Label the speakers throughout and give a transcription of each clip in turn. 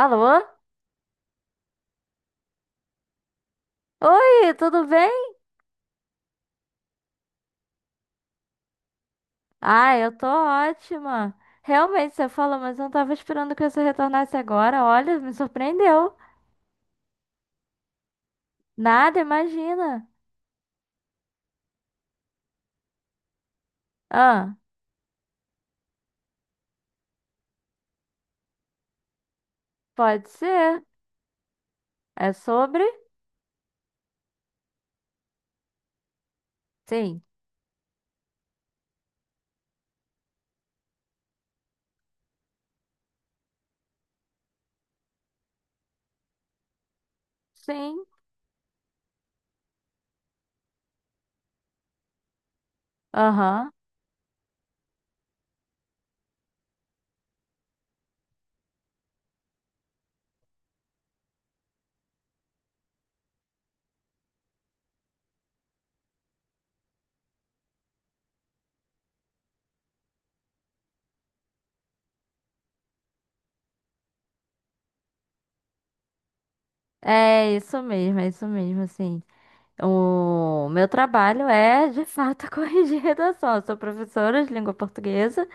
Speaker 1: Alô? Oi, tudo bem? Ah, eu tô ótima. Realmente, você falou, mas eu não tava esperando que você retornasse agora. Olha, me surpreendeu. Nada, imagina. Ah, pode ser. É sobre? Sim. Sim. Aham. É isso mesmo, sim. O meu trabalho é, de fato, corrigir redação. Eu sou professora de língua portuguesa,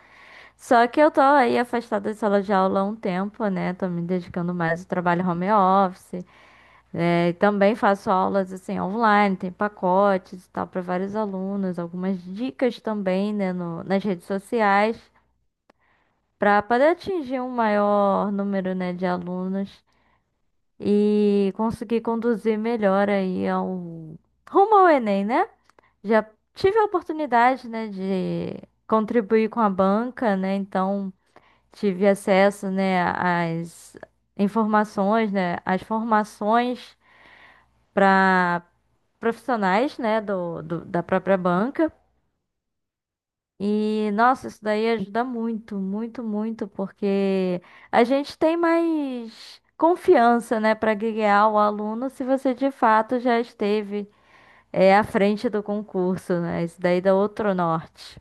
Speaker 1: só que eu tô aí afastada da sala de aula há um tempo, né? Tô me dedicando mais ao trabalho home office. É, também faço aulas assim online, tem pacotes e tal para vários alunos, algumas dicas também, né, nas redes sociais para poder atingir um maior número, né, de alunos e conseguir conduzir melhor aí ao rumo ao Enem, né? Já tive a oportunidade, né, de contribuir com a banca, né? Então tive acesso, né, às informações, né, às formações para profissionais, né, da própria banca. E, nossa, isso daí ajuda muito, muito, muito, porque a gente tem mais confiança, né, para guiar o aluno se você de fato já esteve, é, à frente do concurso, né? Isso daí dá outro norte.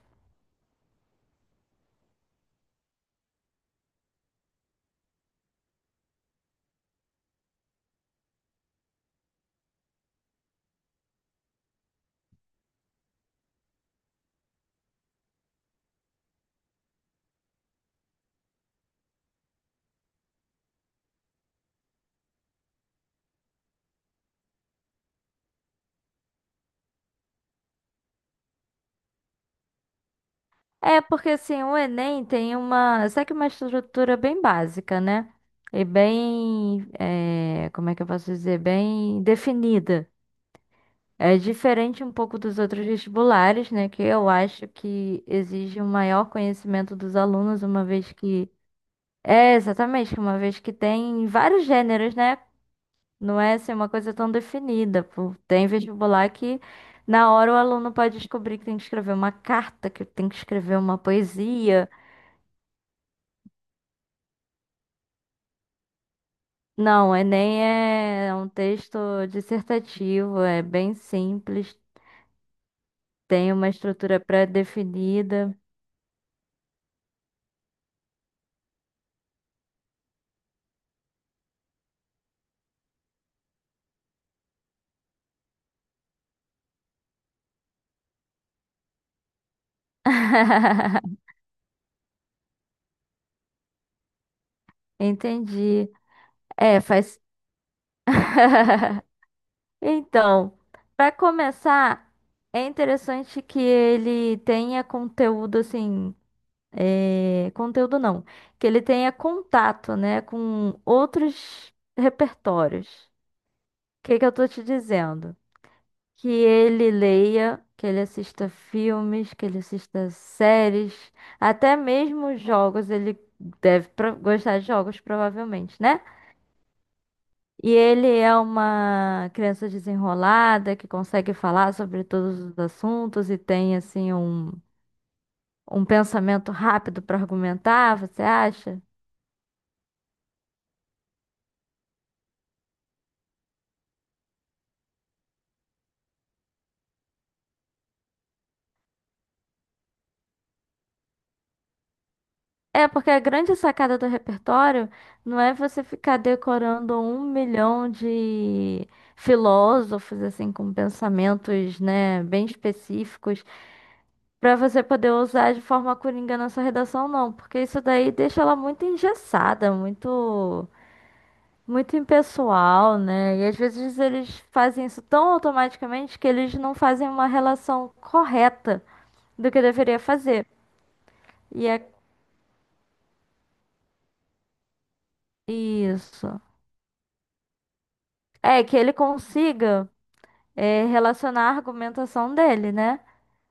Speaker 1: É, porque assim, o Enem tem uma, sabe que uma estrutura bem básica, né? E bem, é, como é que eu posso dizer? Bem definida. É diferente um pouco dos outros vestibulares, né? Que eu acho que exige um maior conhecimento dos alunos, uma vez que. É, exatamente, que uma vez que tem vários gêneros, né? Não é assim, uma coisa tão definida. Pô. Tem vestibular que na hora o aluno pode descobrir que tem que escrever uma carta, que tem que escrever uma poesia. Não, o Enem é um texto dissertativo, é bem simples, tem uma estrutura pré-definida. Entendi. É, faz. Então, para começar, é interessante que ele tenha conteúdo assim, é, conteúdo não, que ele tenha contato, né, com outros repertórios. O que que eu tô te dizendo? Que ele leia, que ele assista filmes, que ele assista séries, até mesmo jogos. Ele gostar de jogos, provavelmente, né? E ele é uma criança desenrolada que consegue falar sobre todos os assuntos e tem assim um, um pensamento rápido para argumentar, você acha? É, porque a grande sacada do repertório não é você ficar decorando um milhão de filósofos assim com pensamentos, né, bem específicos, para você poder usar de forma coringa na sua redação, não, porque isso daí deixa ela muito engessada, muito muito impessoal, né? E às vezes eles fazem isso tão automaticamente que eles não fazem uma relação correta do que deveria fazer. E é isso. É que ele consiga é, relacionar a argumentação dele, né?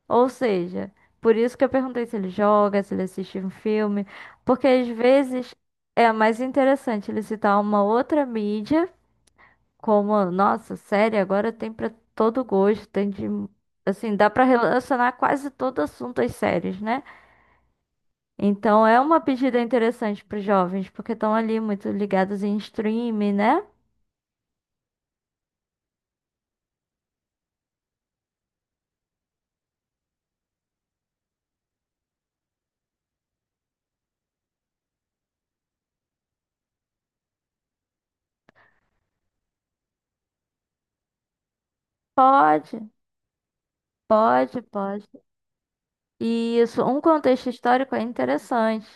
Speaker 1: Ou seja, por isso que eu perguntei se ele joga, se ele assiste um filme, porque às vezes é mais interessante ele citar uma outra mídia. Como, nossa, série agora tem pra todo gosto, tem de, assim, dá pra relacionar quase todo assunto às séries, né? Então é uma pedida interessante pros jovens, porque estão ali muito ligados em streaming, né? Pode, pode, pode. E isso, um contexto histórico é interessante.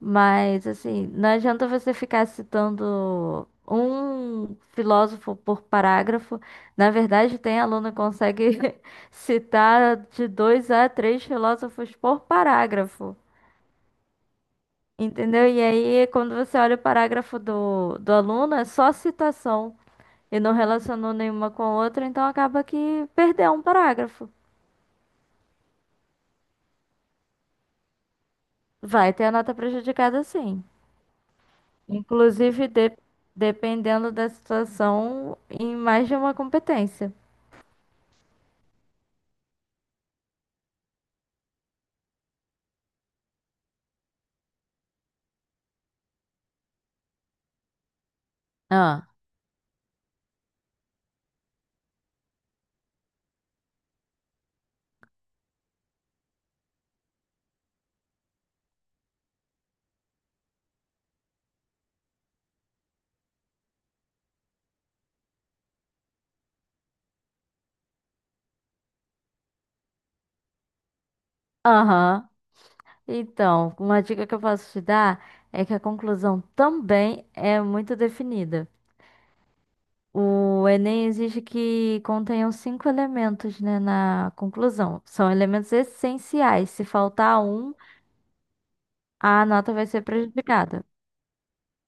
Speaker 1: Mas, assim, não adianta você ficar citando um filósofo por parágrafo. Na verdade, tem aluno que consegue citar de dois a três filósofos por parágrafo. Entendeu? E aí, quando você olha o parágrafo do aluno, é só citação. E não relacionou nenhuma com a outra, então acaba que perdeu um parágrafo. Vai ter a nota prejudicada, sim. Inclusive, dependendo da situação, em mais de uma competência. Ah, aham. Então, uma dica que eu posso te dar é que a conclusão também é muito definida. O Enem exige que contenham 5 elementos, né, na conclusão. São elementos essenciais. Se faltar um, a nota vai ser prejudicada.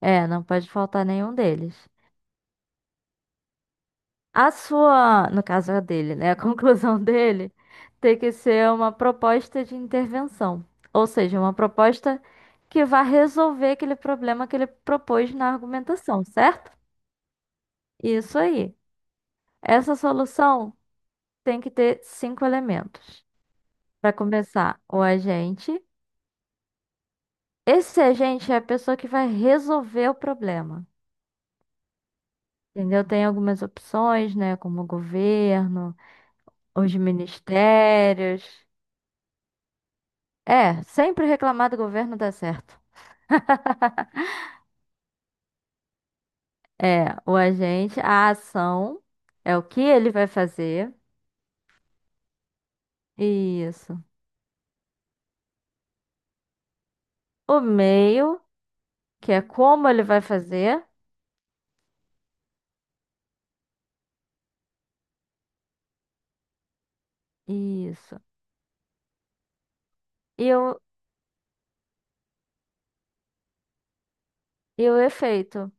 Speaker 1: É, não pode faltar nenhum deles. A sua, no caso a dele, né? A conclusão dele tem que ser uma proposta de intervenção, ou seja, uma proposta que vá resolver aquele problema que ele propôs na argumentação, certo? Isso aí. Essa solução tem que ter 5 elementos. Para começar, o agente. Esse agente é a pessoa que vai resolver o problema. Entendeu? Tem algumas opções, né? Como o governo, os ministérios. É, sempre reclamar do governo dá certo. É, o agente, a ação é o que ele vai fazer. Isso. O meio, que é como ele vai fazer. Isso. E o, e o efeito,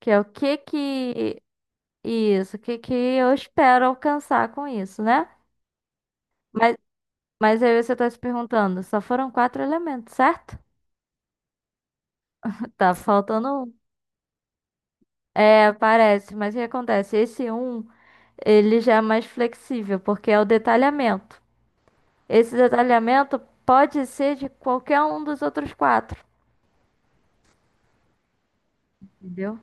Speaker 1: que é o que que. Isso, o que que eu espero alcançar com isso, né? Mas, mas aí você está se perguntando, só foram 4 elementos, certo? Tá faltando um. É, parece, mas o que acontece? Esse um. Ele já é mais flexível, porque é o detalhamento. Esse detalhamento pode ser de qualquer um dos outros quatro, entendeu?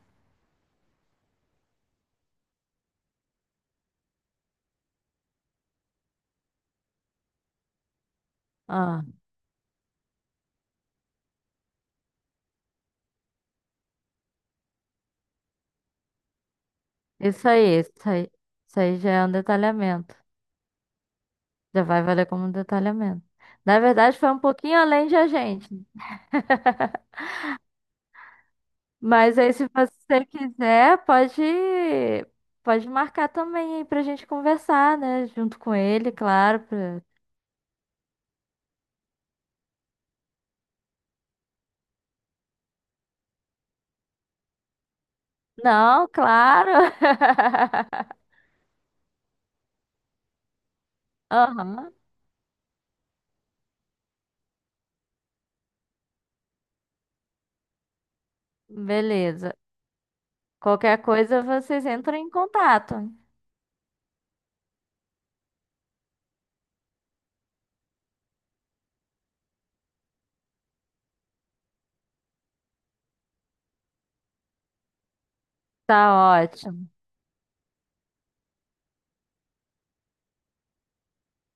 Speaker 1: Ah, isso aí, isso aí, isso aí já é um detalhamento. Já vai valer como um detalhamento. Na verdade, foi um pouquinho além de a gente. Mas aí, se você quiser, pode, pode marcar também aí pra gente conversar, né? Junto com ele, claro. Não, claro. Aham, beleza. Qualquer coisa vocês entram em contato. Tá ótimo.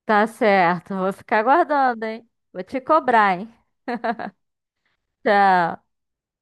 Speaker 1: Tá certo. Vou ficar aguardando, hein? Vou te cobrar, hein? Tchau.